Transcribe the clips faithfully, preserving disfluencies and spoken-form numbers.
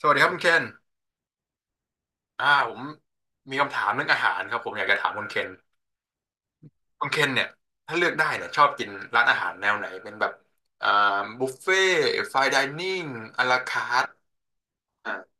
สวัสดีครับคุณเคนอ่าผมมีคำถามเรื่องอาหารครับผมอยากจะถามคุณเคนคุณเคนเนี่ยถ้าเลือกได้เนี่ยชอบกินร้านอาหารแนวไหนเป็นแบบอ่าบุฟเฟ่ไฟน์ไดนิ่งอลาคาร์ทอ่า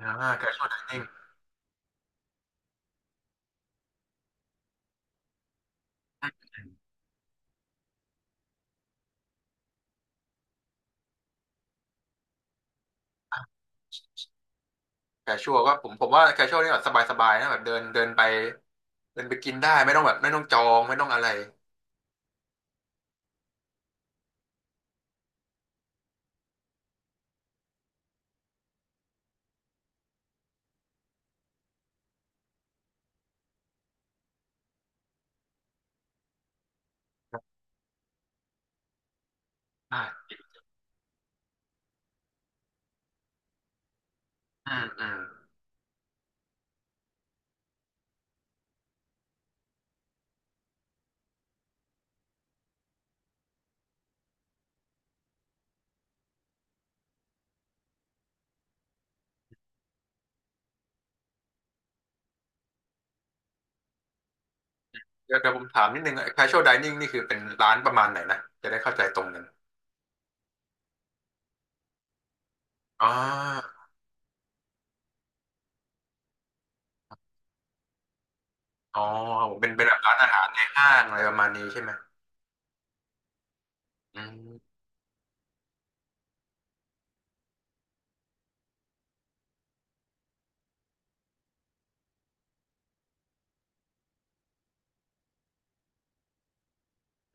อ่าแคชชวลไดนิ่งแคชชวลก็ผมผมว่าแคชชวลนี่แบบสบายๆนะแบบเดินเดินไปเดินไปกินได้ไม่ต้องแบบไม่ต้องจองไม่ต้องอะไรอ่าอืมอืมเดี๋ยวเดี๋ยวผมถามนิดนึงแคชชวลไดนิ่งนี่คือเป็นร้านประมาณไหนนะจะได้เข้าใจตรงกันอ๋ออ๋อผมเป็นเป็นแบบร้านอาหารในห้างอะไรประมาณนี้ใช่ไหม อืม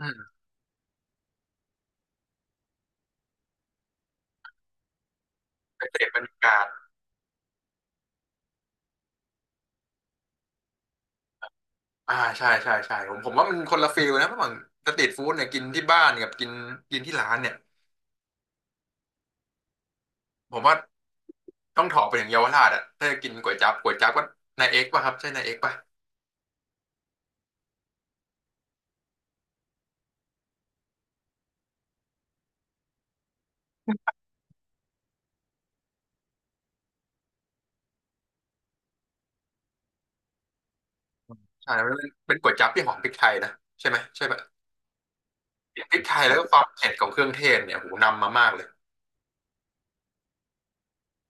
อืมไปเสพบรรยากาศอ่าใช่ใช่ใช่ผมผมว่ามันคนละฟีลนะเพราะเหมือนสตรีทฟู้ดเนี่ยกินที่บ้านกับกินกินที่ร้านเนี่ยผมว่าต้องถอไปถึงเยาวราชอ่ะถ้าจะกินก๋วยจั๊บก๋วยจั๊บก็นายเอกป่ะครับใช่นายเอกป่ะใช่มันเป็นเป็นก๋วยจั๊บที่หอมพริกไทยนะใช่ไหมใช่ป่ะพริกไทยแล้วก็ความเผ็ดของเครื่องเทศเนี่ยโหนำมามากเลย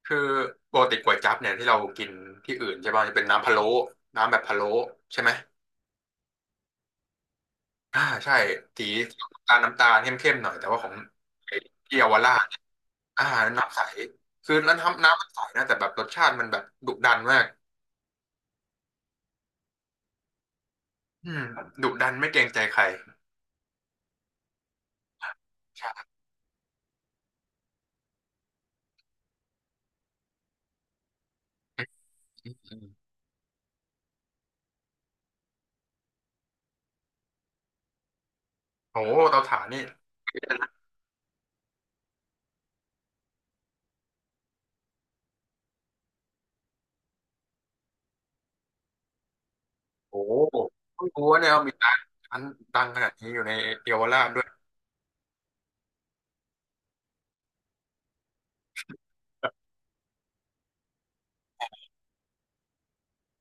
คือปกติก๋วยจั๊บเนี่ยที่เรากินที่อื่นใช่ป่ะจะเป็นน้ำพะโล้น้ำแบบพะโล้ใช่ไหมอ่าใช่สีน้ำตาลน้ำตาลเข้มๆหน่อยแต่ว่าของที่เยาวราช อ่าน้ำใสคือแล้วน้ำน้ำมันใสนะแต่แบบรสชาติมันแบบดุดันมากอืมดุดันไม่เกรงใจใครใช่อืมโอ้โหเตาถ่านนี่โอ้โหเพิ่งรู้ว่าเนี่ยมีร้านร้านดังขนาดนี้อยู่ในเยาวราชด้วย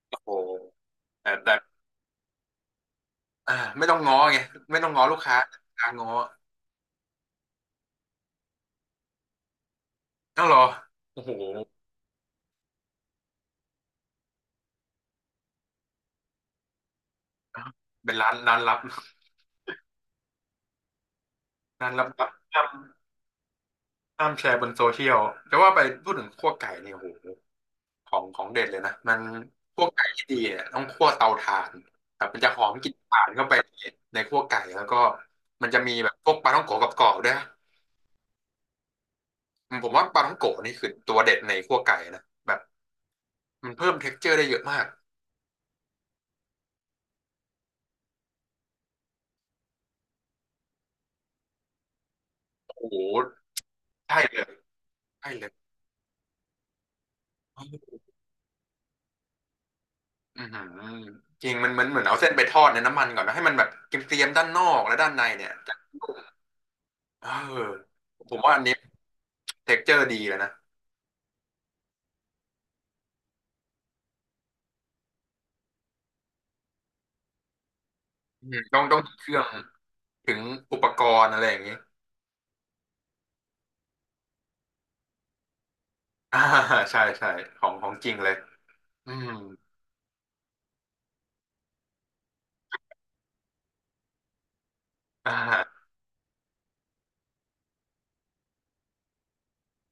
โอ้โหแต่แต่อ่าไม่ต้องง้อไงไม่ต้องง้อลูกค้าการง้อต้องรอโอ้โหเป็นร้านร้านลับร้านลับห้ามห้ามแชร์บนโซเชียลจะว่าไปพูดถึงคั่วไก่เนี่ยโอ้โห ของของเด็ดเลยนะมันพวกไก่ที่ดีเนี่ยต้องคั่วเตาถ่านครับมันจะหอมกลิ่นถ่านเข้าไปในคั่วไก่แล้วก็มันจะมีแบบพวกปลาท่องโกะกับกรอบๆด้วยนะอืมผมว่าปลาท่องโกะนี่คือตัวเด็ดในคั่วไก่นะแบบมันเพิ่มเท็กซ์เจอร์ได้เยอะมากโอ้โหใช่เลยใช่เลยอือหือจริงมันเหมือนเหมือนเอาเส้นไปทอดในน้ำมันก่อนนะให้มันแบบเกรียมๆด้านนอกและด้านในเนี่ยจะนุ่มเออผมว่าอันนี้เท็กซ์เจอร์ดีแลวนะอืมต้องต้องถึงเครื่องถึงอุปกรณ์อะไรอย่างนี้ อ่าใช่ใช่ของของจริงเลยอืมอ่า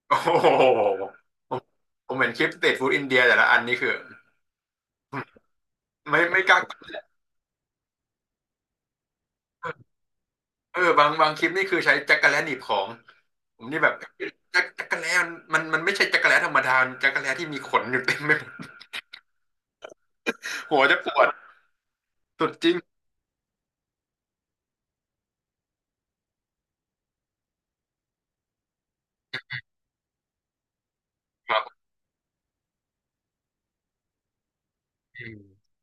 โอ้โหผมผมเห็นคลิปสตรีทฟู้ดอินเดียแต่ละอันนี่คือไม่ไม่กล้ากินเลยเออบางบางคลิปนี่คือใช้จักระแลหนีบของผมนี่แบบจักจักระแลมันมันมันไม่ใช่จักระแลธรรมดามันจักระแลที่มีขนอยู่เต็มไปหมดหัวจะปวดสุดจริงครับอืม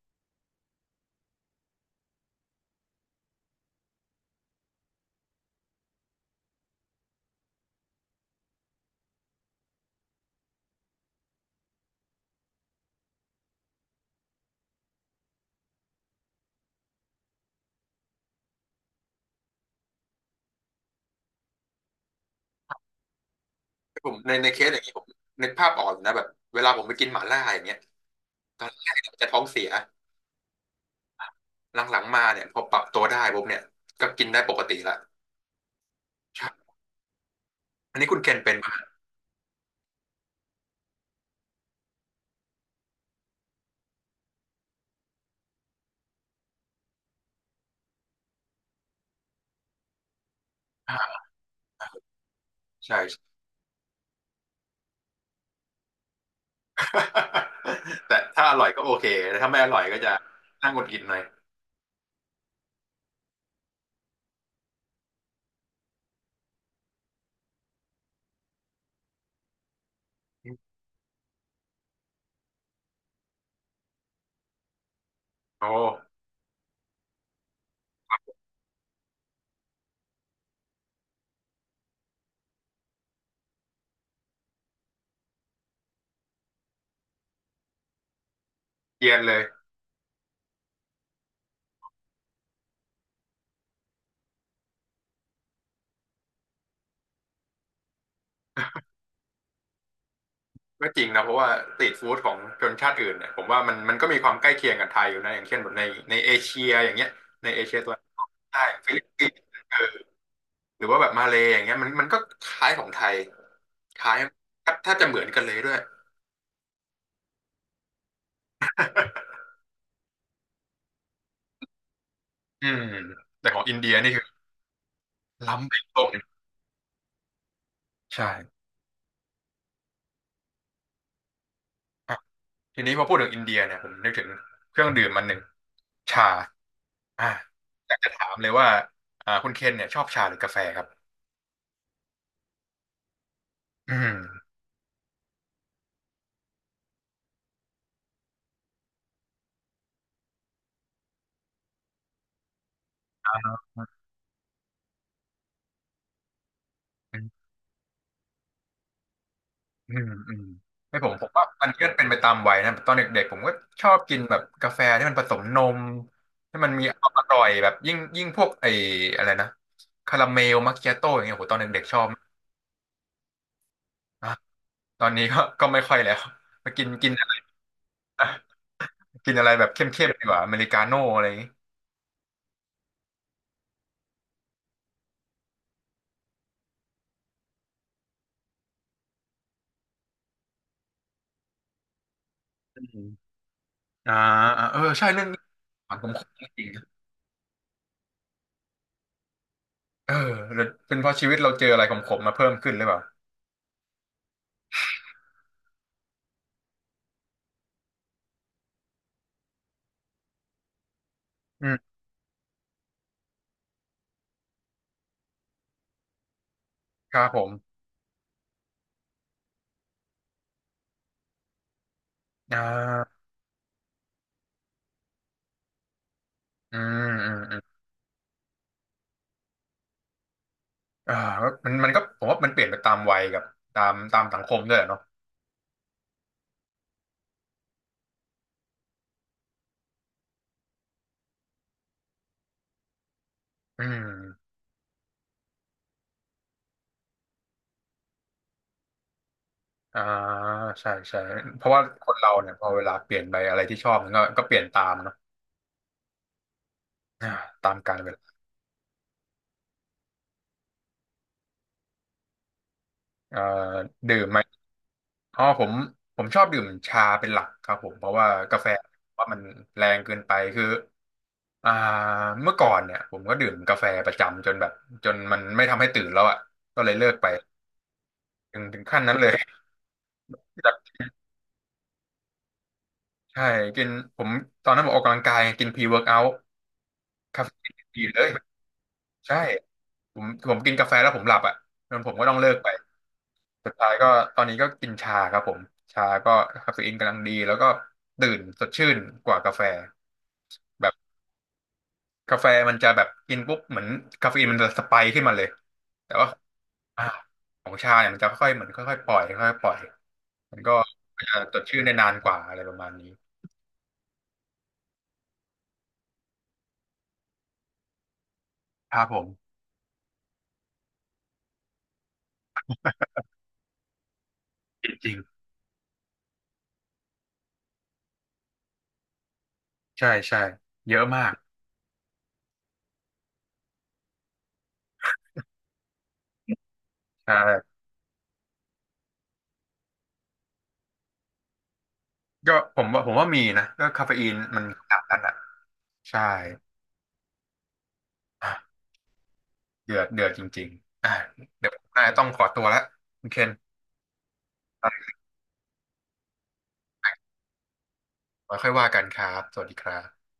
ผมในในเคสอย่างนี้ผมนึกภาพออกอยู่นะแบบเวลาผมไปกินหม่าล่าอย่างเงี้ยตอนแรกจะท้องเสียหลังๆมาเนี่ยพอปรับตัวได้ปุ๊บเนี่ยก็กินได้ปกติละ อันนี้คุณเคนเป็นปะใช่ ใช่ แต่ถ้าอร่อยก็โอเคแต่ถ้าไม่อร่อยก็จะน่าหงุดหงิดหน่อยโอ้เย็นเลยก็จริงนะเพราะว่าสตรีทฟู้ดของชนชาติอื่นเนี่ยผมว่ามันมันก็มีความใกล้เคียงกับไทยอยู่นะอย่างเช่นแบบในในเอเชียอย่างเงี้ยในเอเชียตัวนออกใต้ฟิลิปปินส์เออหรือว่าแบบมาเลย์อย่างเงี้ยมันมันก็คล้ายของไทยคล้ายแทบแทบจะเหมือนกันเลยด้วย อืมแต่ของอินเดียนี่คือล้ำไปตรงใช่อ่ะทีนี้พอพูดถึงอินเดียเนี่ยผมนึกถึงเครื่องดื่มมันหนึ่ง ชาอ่าอยากจะถามเลยว่าอ่าคุณเคนเนี่ยชอบชาหรือกาแฟครับอืมอืมอืมอืมไม่ผมผมว่ามันก็เป็นไปตามวัยนะตอนเด็กๆผมก็ชอบกินแบบกาแฟที่มันผสมนมที่มันมีความอร่อยแบบยิ่งยิ่งพวกไอ้อะไรนะคาราเมลมัคคิอาโต้อย่างเงี้ยโหตอนเด็กๆชอบนะตอนนี้ก็ ก็ไม่ค่อยแล้วมากินกินอะไรกินอะไรแบบเข้มๆดีกว่าอเมริกาโน่อะไรอย่างงี้อืมอ่าอ่าเออใช่เรื่องนี้ผมจริง เออหรือเป็นเพราะชีวิตเราเจออะไรขมๆมาเพิ่มขึ้นหรือเปล่าอืมครับผมอ่าอืมอืมอืมอ่ามันมันก็ผมว่ามันเปลี่ยนไปตามวัยกับตามตามสังคมด้วยแหละเนาะอืมอ่าใช่ใช่เพราะว่าคนเราเนี่ยพอเวลาเปลี่ยนไปอะไรที่ชอบมันก็ก็เปลี่ยนตามเนาะอ่าตามกาลเวลาเอ่อดื่มไหมอ๋อผมผมชอบดื่มชาเป็นหลักครับผมเพราะว่ากาแฟว่ามันแรงเกินไปคือ อ่าเมื่อก่อนเนี่ยผมก็ดื่มกาแฟประจำจนแบบจนมันไม่ทำให้ตื่นแล้วอ่ะก็เลยเลิกไปถึงถึงขั้นนั้นเลยแบบใช่กินผมตอนนั้นผมออกกำลังกายกินพรีเวิร์กเอาท์คาเฟอีนดีเลยใช่ผมผมกินกาแฟแล้วผมหลับอ่ะงั้นผมก็ต้องเลิกไปสุดท้ายก็ตอนนี้ก็กินชาครับผมชาก็คาเฟอีนกำลังดีแล้วก็ตื่นสดชื่นกว่ากาแฟแบบกาแฟมันจะแบบกินปุ๊บเหมือนคาเฟอีนมันจะสไปค์ขึ้นมาเลยแต่ว่า อ่าของชาเนี่ยมันจะค่อยๆเหมือนค่อยๆปล่อยค่อยๆปล่อยมันก็จะจดชื่อได้นานกว่าอะไรประมาณนี้ครับผมจริงใช่ใช่เยอะมากใช่ก็ผมว่าผมว่ามีนะก็คาเฟอีนมันขนาดนั้นอ่ะใช่อ่ะเดือดเดือดจริงๆอ่ะเดี๋ยวผมน่าจะต้องขอตัวแล้วคุณเคนไว้ค่อยว่ากันครับสวัสดีครับ